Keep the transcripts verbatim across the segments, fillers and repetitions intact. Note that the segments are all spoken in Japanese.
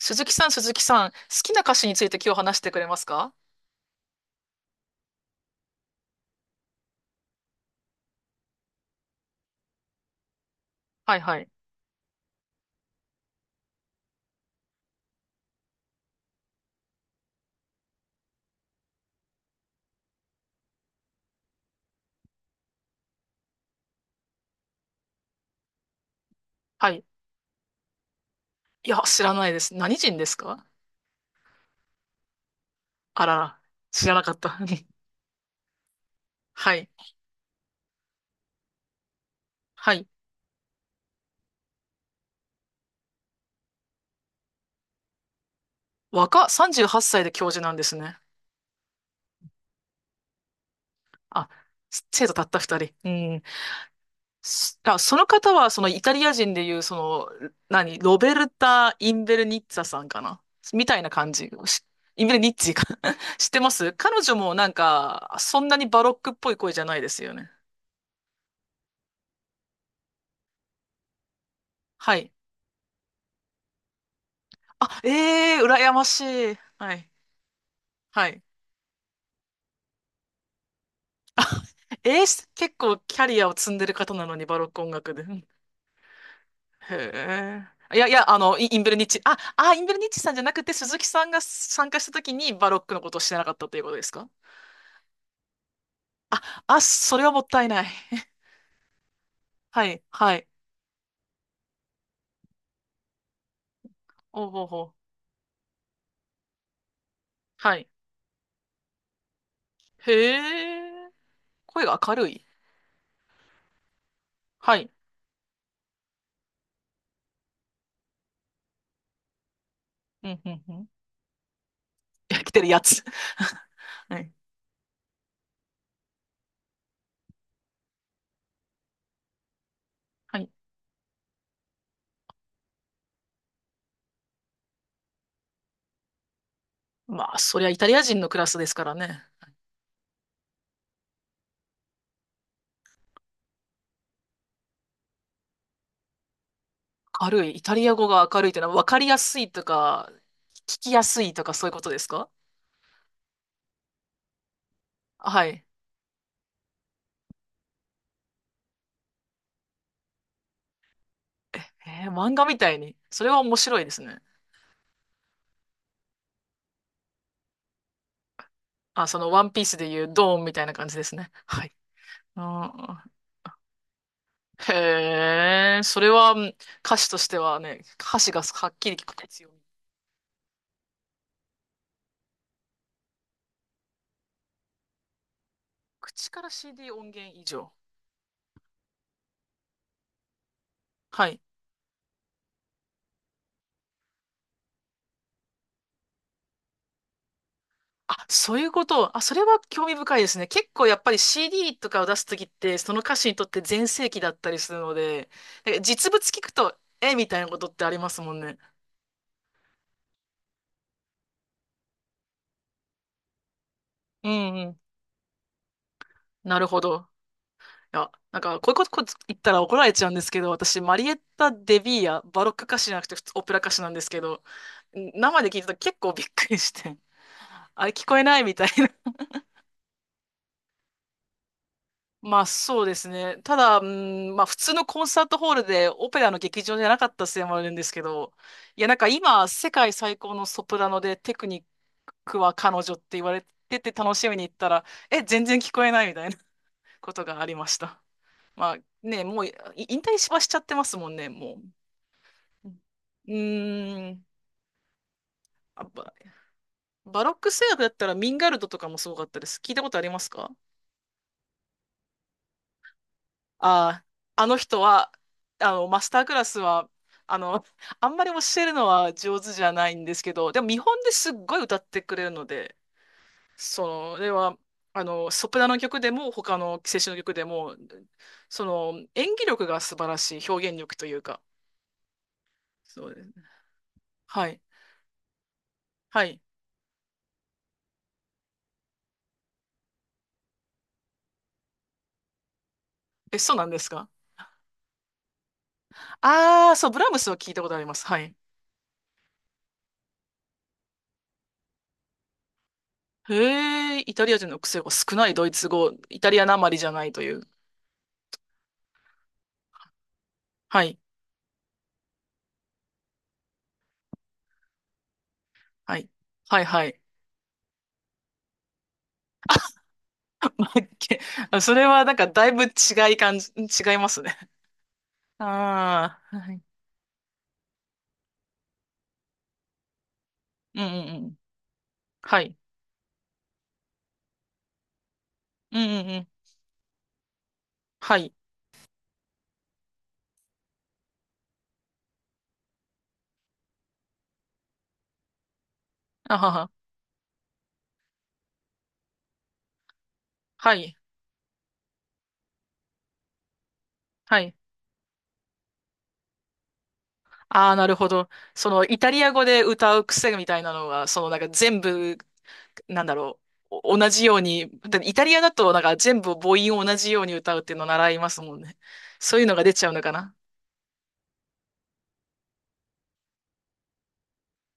鈴木さん、鈴木さん、好きな歌手について今日話してくれますか？はいはい。はい。いや、知らないです。何人ですか？あらら、知らなかった。はい。はい。若、さんじゅうはっさいで教授なんですね。あ、生徒たったふたり。うん。すあ、その方は、そのイタリア人でいう、その、何、ロベルタ・インベルニッツァさんかな、みたいな感じ。しインベルニッツィか。 知ってます。彼女もなんか、そんなにバロックっぽい声じゃないですよね。はい。あ、ええー、羨ましい。はい。はい。えー、し結構キャリアを積んでる方なのに、バロック音楽で。うん、へえ。いやいや、あの、イインベルニッチ、あ、あ、インベルニッチさんじゃなくて、鈴木さんが参加した時にバロックのことを知らなかったということですか？あ、あ、それはもったいない。はい、はい。おうほうほう。はい。へえ。声が明るい。はい。うん、うん、うん。来てるやつ。はい。はい。まあ、そりゃイタリア人のクラスですからね。明るい。イタリア語が明るいってのは分かりやすいとか、聞きやすいとかそういうことですか？はい。えー、漫画みたいに。それは面白いですね。あ、そのワンピースでいうドーンみたいな感じですね。はい。あー、へえ、それはうん、歌詞としてはね、歌詞がはっきり聞く必要。口から シーディー 音源以上。はい。あ、そういうこと。あ、それは興味深いですね。結構やっぱり シーディー とかを出すときって、その歌手にとって全盛期だったりするので、なんか実物聞くと、え、みたいなことってありますもんね。うんうん。なるほど。いや、なんか、こういうことこ言ったら怒られちゃうんですけど、私、マリエッタ・デビーヤ、バロック歌手じゃなくて普通オペラ歌手なんですけど、ん生で聞いたと結構びっくりして、あれ聞こえないみたいな。まあそうですね。ただ、うん、まあ普通のコンサートホールでオペラの劇場じゃなかったせいもあるんですけど、いやなんか今世界最高のソプラノでテクニックは彼女って言われてて楽しみに行ったら、え、全然聞こえないみたいなことがありました。まあね、もうい引退しはしちゃってますもんね、もう。うーん。あバ、バロック声楽だったらミンガルドとかもすごかったです。聞いたことありますか？ああ、あの人は、あの、マスタークラスは、あの、あんまり教えるのは上手じゃないんですけど、でも見本ですっごい歌ってくれるので、それは、あの、ソプラノ曲でも、他の青春の曲でも、その、演技力が素晴らしい、表現力というか。そうですね。はい。はい。え、そうなんですか？ああー、そう、ブラームスは聞いたことあります。はい。へえ、イタリア人の癖が少ないドイツ語、イタリアなまりじゃないという。はい。はい。はい、はい。まあけ、あ、 それはなんかだいぶ違い感じ、違いますね。ああ、はい。うんうんうん。はい。うんうんうん。はい。あはは。はい。はい。ああ、なるほど。そのイタリア語で歌う癖みたいなのが、そのなんか全部、なんだろう。お、同じように、だってイタリアだとなんか全部母音を同じように歌うっていうのを習いますもんね。そういうのが出ちゃうのかな。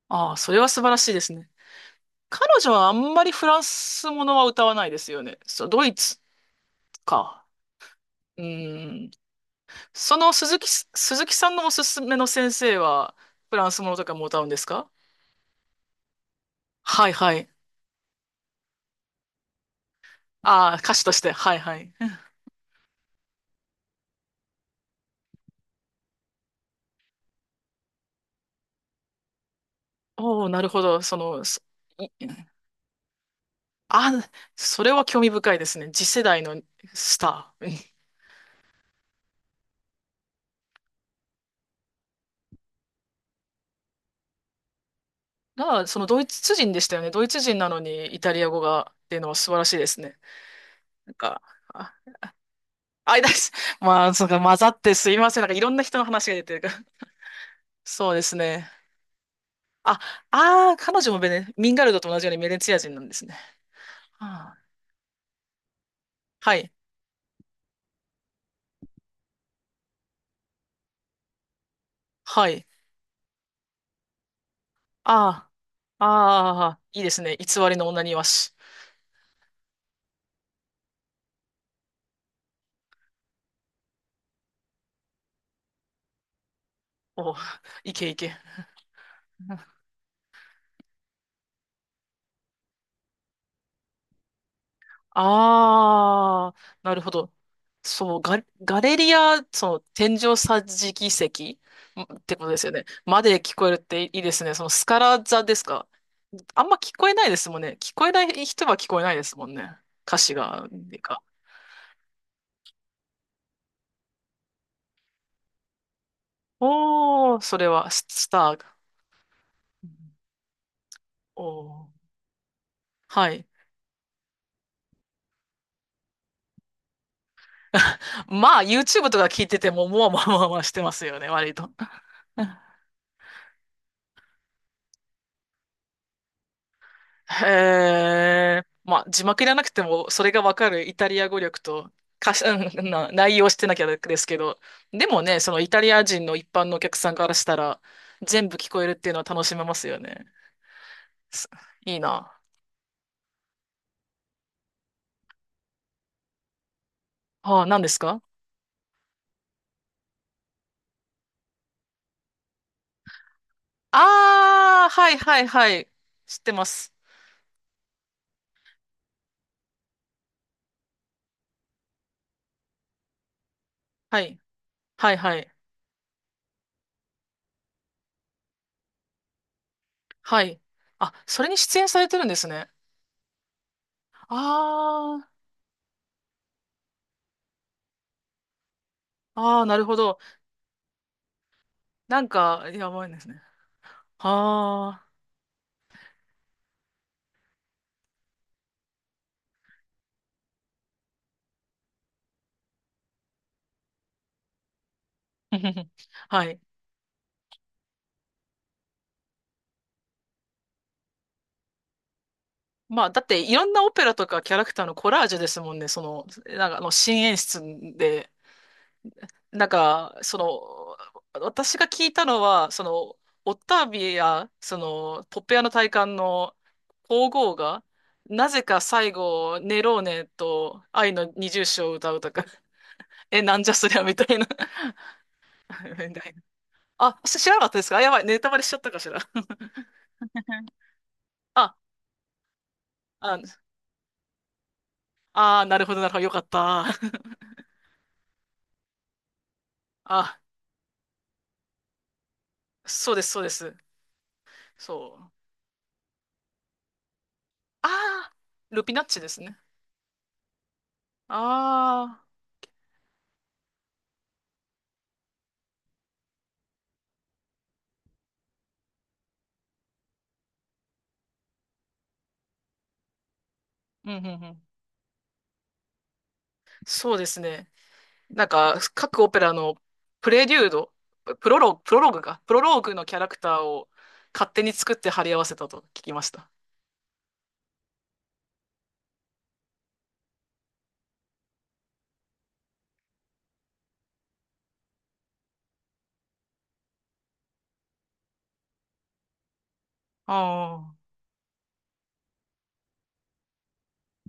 ああ、それは素晴らしいですね。彼女はあんまりフランスものは歌わないですよね。そう、ドイツか。うん。その鈴木す、鈴木さんのおすすめの先生は、フランスものとかも歌うんですか？はいはい。ああ、歌手として。はいはい。おお、なるほど。その、そいあ、それは興味深いですね。次世代のスター。うん、だから、そのドイツ人でしたよね。ドイツ人なのにイタリア語がっていうのは素晴らしいですね。なんか、あ、あいだ、 まあ、そうか、混ざってすいません。なんかいろんな人の話が出てるから。そうですね。あ、ああ、彼女もベネ、ミンガルドと同じようにベネツィア人なんですね。は、あ、はい、はい。ああ、ああ、いいですね。偽りの女にわし。おう、いけいけ。ああ、なるほど。そう、ガ、ガレリア、その天井桟敷席んってことですよね。まで聞こえるっていいですね。そのスカラ座ですか。あんま聞こえないですもんね。聞こえない人は聞こえないですもんね。歌詞が、っていうか。おー、それはス、スター。おー、はい。まあ、YouTube とか聞いてても、もわもわもわもわしてますよね、割と。へえ。まあ、字幕いらなくても、それがわかるイタリア語力と、歌詞、うんな内容してなきゃですけど、でもね、そのイタリア人の一般のお客さんからしたら、全部聞こえるっていうのは楽しめますよね。す、いいな。ああ、何ですか？ああー、はいはいはい。知ってます。はい。はいはい。はい。あ、それに出演されてるんですね。ああ、ああ、なるほど。なんか、やばいですね。ああ、はい。まあ、だって、いろんなオペラとかキャラクターのコラージュですもんね。その、なんか、あの、新演出で、なんか、その、私が聞いたのは、その、オッタービや、その、ポッペアの大官の皇后が、なぜか最後、ネローネと愛の二重唱を歌うとか、え、なんじゃそりゃみたいな、 あ、し知らなかったですか、あ、やばい、ネタバレしちゃったかしら。あ、あ、あー、なるほど、なるほど、よかった。あ、そうです、そうです。そう。あー、ルピナッチですね。あー、うん、うん、うん。そうですね。なんか、各オペラのプレデュード、プロローグ、プロローグか、プロローグのキャラクターを勝手に作って貼り合わせたと聞きました。ああ。